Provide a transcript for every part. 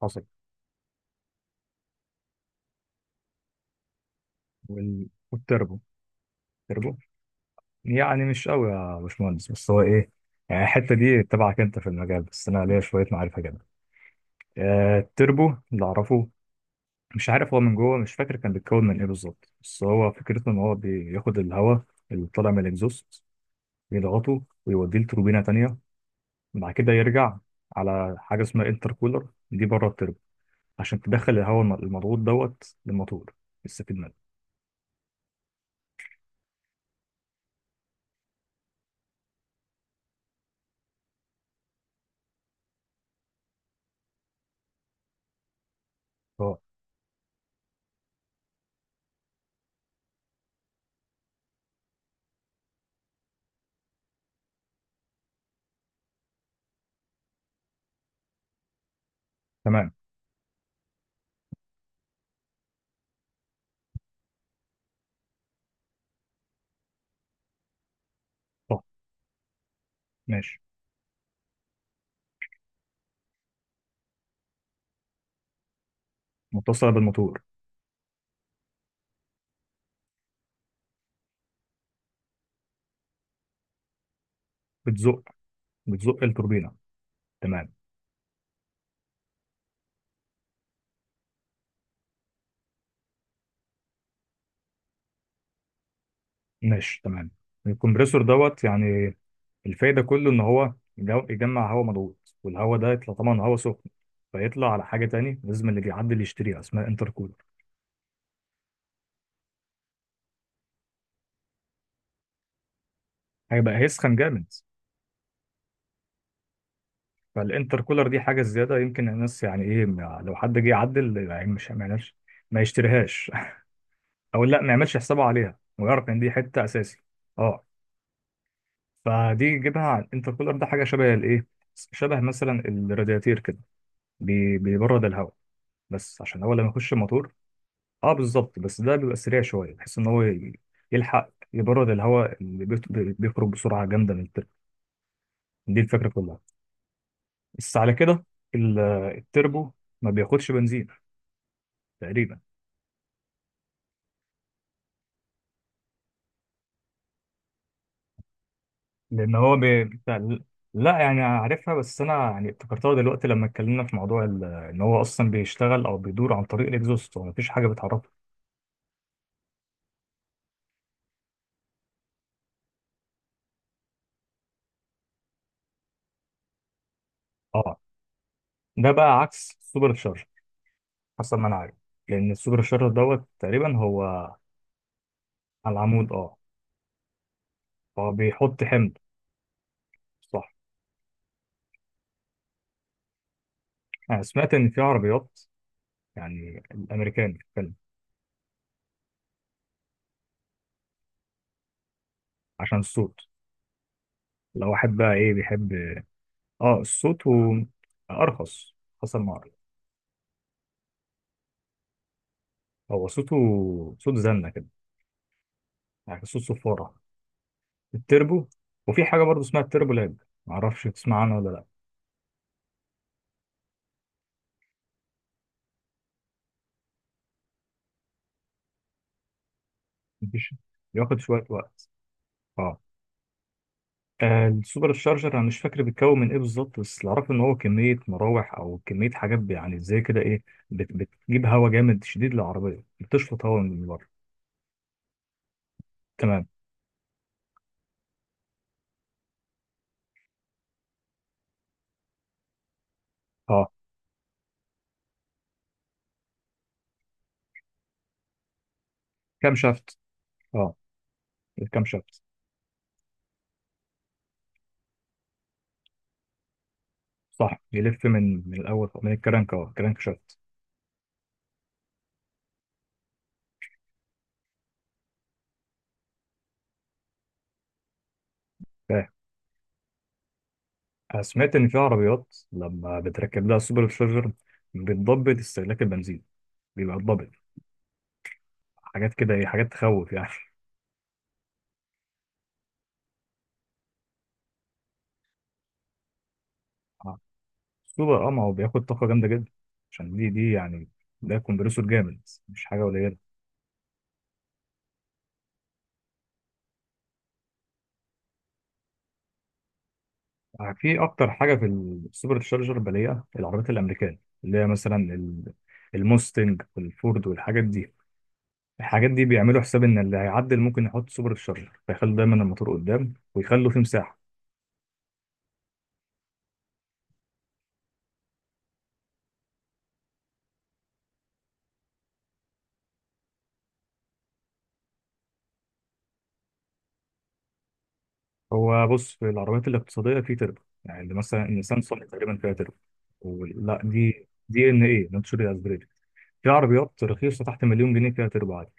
حصل. والتربو. تربو. يعني مش قوي يا باشمهندس، بس هو ايه؟ يعني الحته دي تبعك انت في المجال، بس انا ليا شويه معرفه كده. التربو اللي اعرفه، مش عارف هو من جوه، مش فاكر كان بيتكون من ايه بالظبط، بس هو فكرته ان هو بياخد الهواء اللي طالع من الاكزوست، يضغطه ويوديه لتوربينه تانية، بعد كده يرجع على حاجه اسمها انتركولر دي بره التربو، عشان تدخل الهواء المضغوط للموتور يستفيد منه. اه، تمام. طب ماشي. متصله بالموتور. بتزق. التوربينه. تمام. ماشي، تمام. الكمبريسور يعني الفايده كله ان هو يجمع هواء مضغوط، والهواء ده يطلع طبعا هواء سخن، فيطلع على حاجه تاني لازم اللي بيعدي اللي يشتريها اسمها انتركولر. هيبقى هيسخن جامد. فالانتركولر دي حاجه زياده يمكن الناس يعني ايه لو حد جه يعدل يعني مش ما يعملش، ما يشتريهاش او لا ما يعملش حسابه عليها ويعرف ان دي حته اساسي. اه. فدي يجيبها على الانتركولر ده حاجه شبه الايه، شبه مثلا الرادياتير كده، بيبرد الهواء، بس عشان هو لما يخش الموتور. اه بالظبط، بس ده بيبقى سريع شويه بحيث ان هو يلحق يبرد الهواء اللي بيخرج بسرعه جامده من التربو. دي الفكره كلها. بس على كده، ال- التربو ما بياخدش بنزين تقريبا. لان هو لا يعني عارفها، بس انا يعني افتكرتها دلوقتي لما اتكلمنا في موضوع ان هو اصلا بيشتغل او بيدور عن طريق الاكزوست، هو مفيش حاجه بتعرفه. اه. ده بقى عكس السوبر تشارجر حسب ما انا عارف. لان السوبر تشارجر تقريبا هو على العمود. اه، هو بيحط حمض. صح. انا سمعت ان في عربيات، يعني الامريكان بتتكلم، عشان الصوت. لو واحد بقى ايه بيحب. اه، الصوت ارخص. حصل مع. هو صوته صوت زنة كده، يعني صوت صفارة التربو. وفي حاجة برضه اسمها التربو لاب، معرفش تسمع عنها ولا لا. مفيش. بياخد شوية وقت. اه. السوبر شارجر انا مش فاكر بيتكون من ايه بالظبط، بس اللي اعرفه ان هو كميه مراوح او كميه حاجات ب- يعني زي كده ايه. بت- بتجيب هواء جامد شديد للعربيه، بتشفط هواء من بره. تمام. اه، كام شافت. اه، الكام شافت. صح، يلف من الاول من الكرنك. اه، كرنك شافت. فاهم. أنا سمعت ان في عربيات لما بتركب لها سوبر شارجر، بتضبط استهلاك البنزين، بيبقى الضبط حاجات كده ايه، حاجات تخوف يعني. سوبر، اه ما هو بياخد طاقة جامدة جدا عشان دي يعني ده كومبريسور جامد، مش حاجة قليلة. في أكتر حاجة في السوبر تشارجر بلاقيها العربيات الأمريكية، اللي هي مثلا الموستنج والفورد والحاجات دي. الحاجات دي بيعملوا حساب إن اللي هيعدل ممكن يحط سوبر تشارجر، فيخلوا دايما الموتور قدام ويخلوا فيه مساحة. هو بص، في العربيات الاقتصادية في تربو، يعني اللي مثلا النيسان صني تقريبا فيها تربو. لا، دي دي ان ايه، ناتشورال اسبريتد. في عربيات رخيصة تحت مليون جنيه فيها تربو عادي.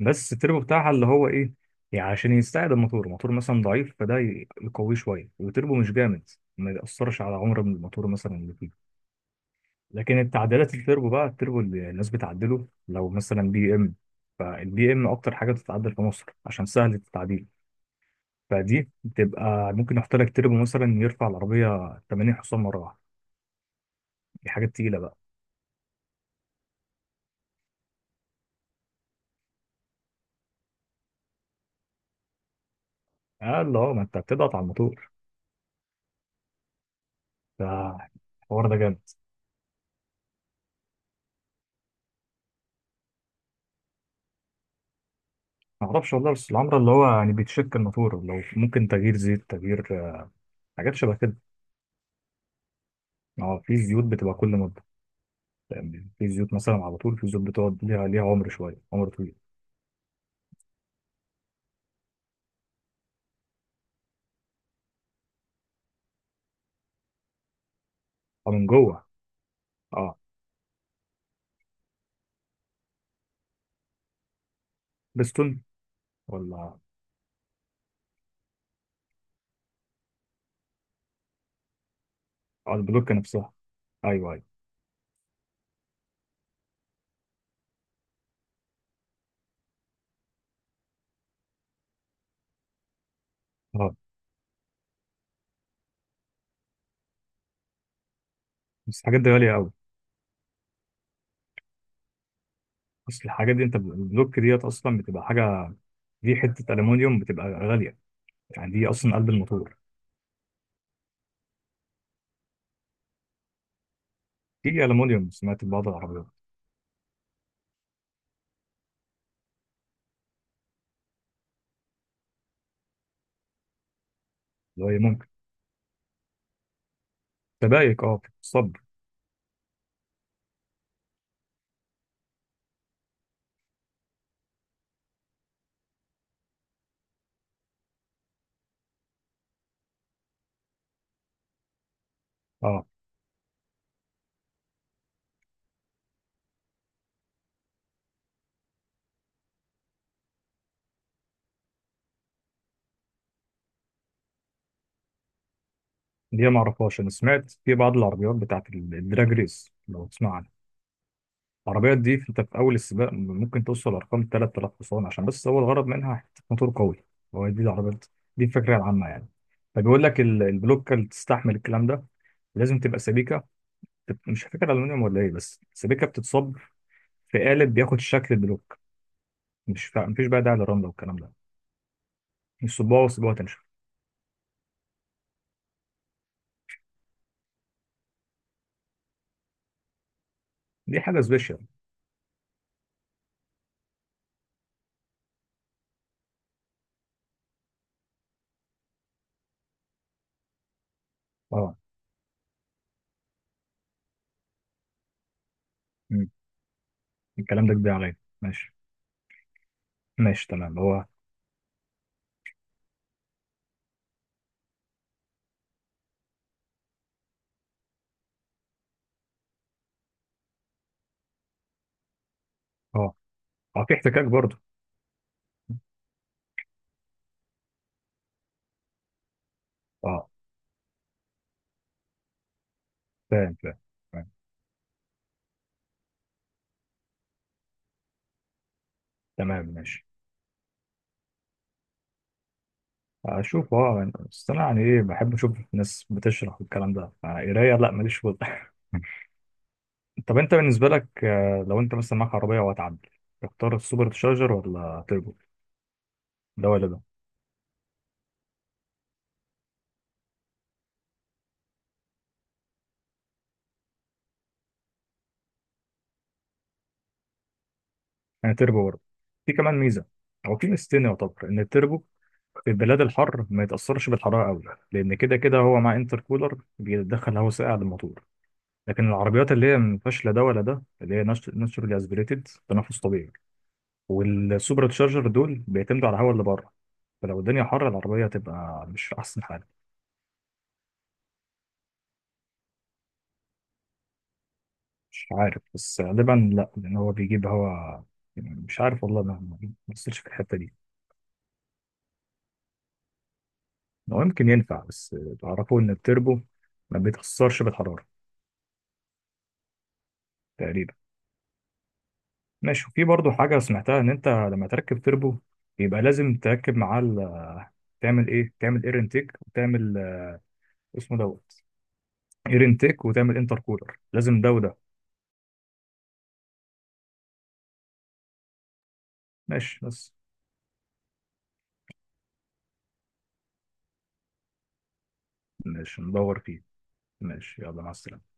بس التربو بتاعها اللي هو ايه، يعني عشان يستعد الموتور، الموتور مثلا ضعيف، فده يقويه شويه، والتربو مش جامد، ما يأثرش على عمر من الموتور مثلا اللي فيه. لكن التعديلات التربو بقى، التربو اللي الناس بتعدله لو مثلا بي ام، فالبي ام اكتر حاجه بتتعدل في مصر عشان سهل التعديل. فدي بتبقى ممكن احط لك تربو مثلا يرفع العربيه 80 حصان مره واحده. دي حاجه تقيله بقى. قال اه، ما انت بتضغط على الموتور. فالحوار ده جامد. ما اعرفش والله، بس العمرة اللي هو يعني بيتشك الموتور، لو ممكن تغيير زيت، تغيير حاجات شبه كده. اه، في زيوت بتبقى كل مده، يعني في زيوت مثلا على طول، في زيوت بتقعد ليها عمر شويه، عمر طويل. اه من جوه. اه. بستون ولا. اه، البلوكه نفسها. ايوه ايوه. اه. بس الحاجات دي غاليه قوي. اصل الحاجات دي انت ب- البلوك ديت اصلا بتبقى حاجه، دي حته الومنيوم بتبقى غاليه، يعني دي اصلا قلب الموتور. في الومنيوم، سمعت بعض العربيات، اللي هي ممكن سبائك، اه الصب. اه، دي ما اعرفهاش. انا سمعت في بعض العربيات بتاعت الدراج ريس، لو تسمع عنها. العربيات دي في- انت في اول السباق ممكن توصل ارقام 3000 حصان، عشان بس هو الغرض منها حته موتور قوي. هو دي العربيات، دي الفكره العامه يعني. فبيقول لك البلوكه اللي تستحمل الكلام ده لازم تبقى سبيكه. مش فاكر الومنيوم ولا ايه، بس سبيكه بتتصب في قالب بياخد شكل البلوك. مش فا... مفيش بقى داعي للرمله والكلام ده، مش صباعه وسيبوها تنشف. دي حاجه سبيشال. اه. مم. الكلام ده كبير عليا. ماشي. ماشي تمام هو. اه. اه، في احتكاك برضه. اه. فاهم، فاهم، فاهم. تمام، ماشي. اشوف اه يعني، بس انا يعني ايه، بحب اشوف ناس بتشرح، والكلام ده قرايه لا ماليش فل. طب انت بالنسبه لك، لو انت مثلا معاك عربيه وهتعدل، تختار السوبر تشارجر ولا تربو؟ ده ولا ده؟ انا تربو برضه. في كمان ميزه، هو في ميزتين يعتبر ان التربو في البلاد الحر ما يتاثرش بالحراره قوي، لان كده كده هو مع انتر كولر بيدخل هواء ساقع للموتور. لكن العربيات اللي هي ما فيهاش لا ده ولا ده، اللي هي ناتشورالي اسبريتد، تنفس طبيعي، والسوبر تشارجر دول بيعتمدوا على الهواء اللي بره. فلو الدنيا حر العربية هتبقى مش في أحسن حال. مش عارف، بس غالبا لأ، لأن هو بيجيب هوا، يعني مش عارف والله، ما بصيتش في الحتة دي. هو يمكن ينفع، بس تعرفوا إن التربو ما بيتأثرش بالحرارة تقريبا. ماشي. وفي برضو حاجة سمعتها إن أنت لما تركب تربو، يبقى لازم تركب معاه تعمل إيه؟ تعمل إير انتيك وتعمل اسمه إير انتيك وتعمل انتر كولر، لازم ده وده. ماشي بس. ماشي، ندور فيه. ماشي، يلا مع السلامة.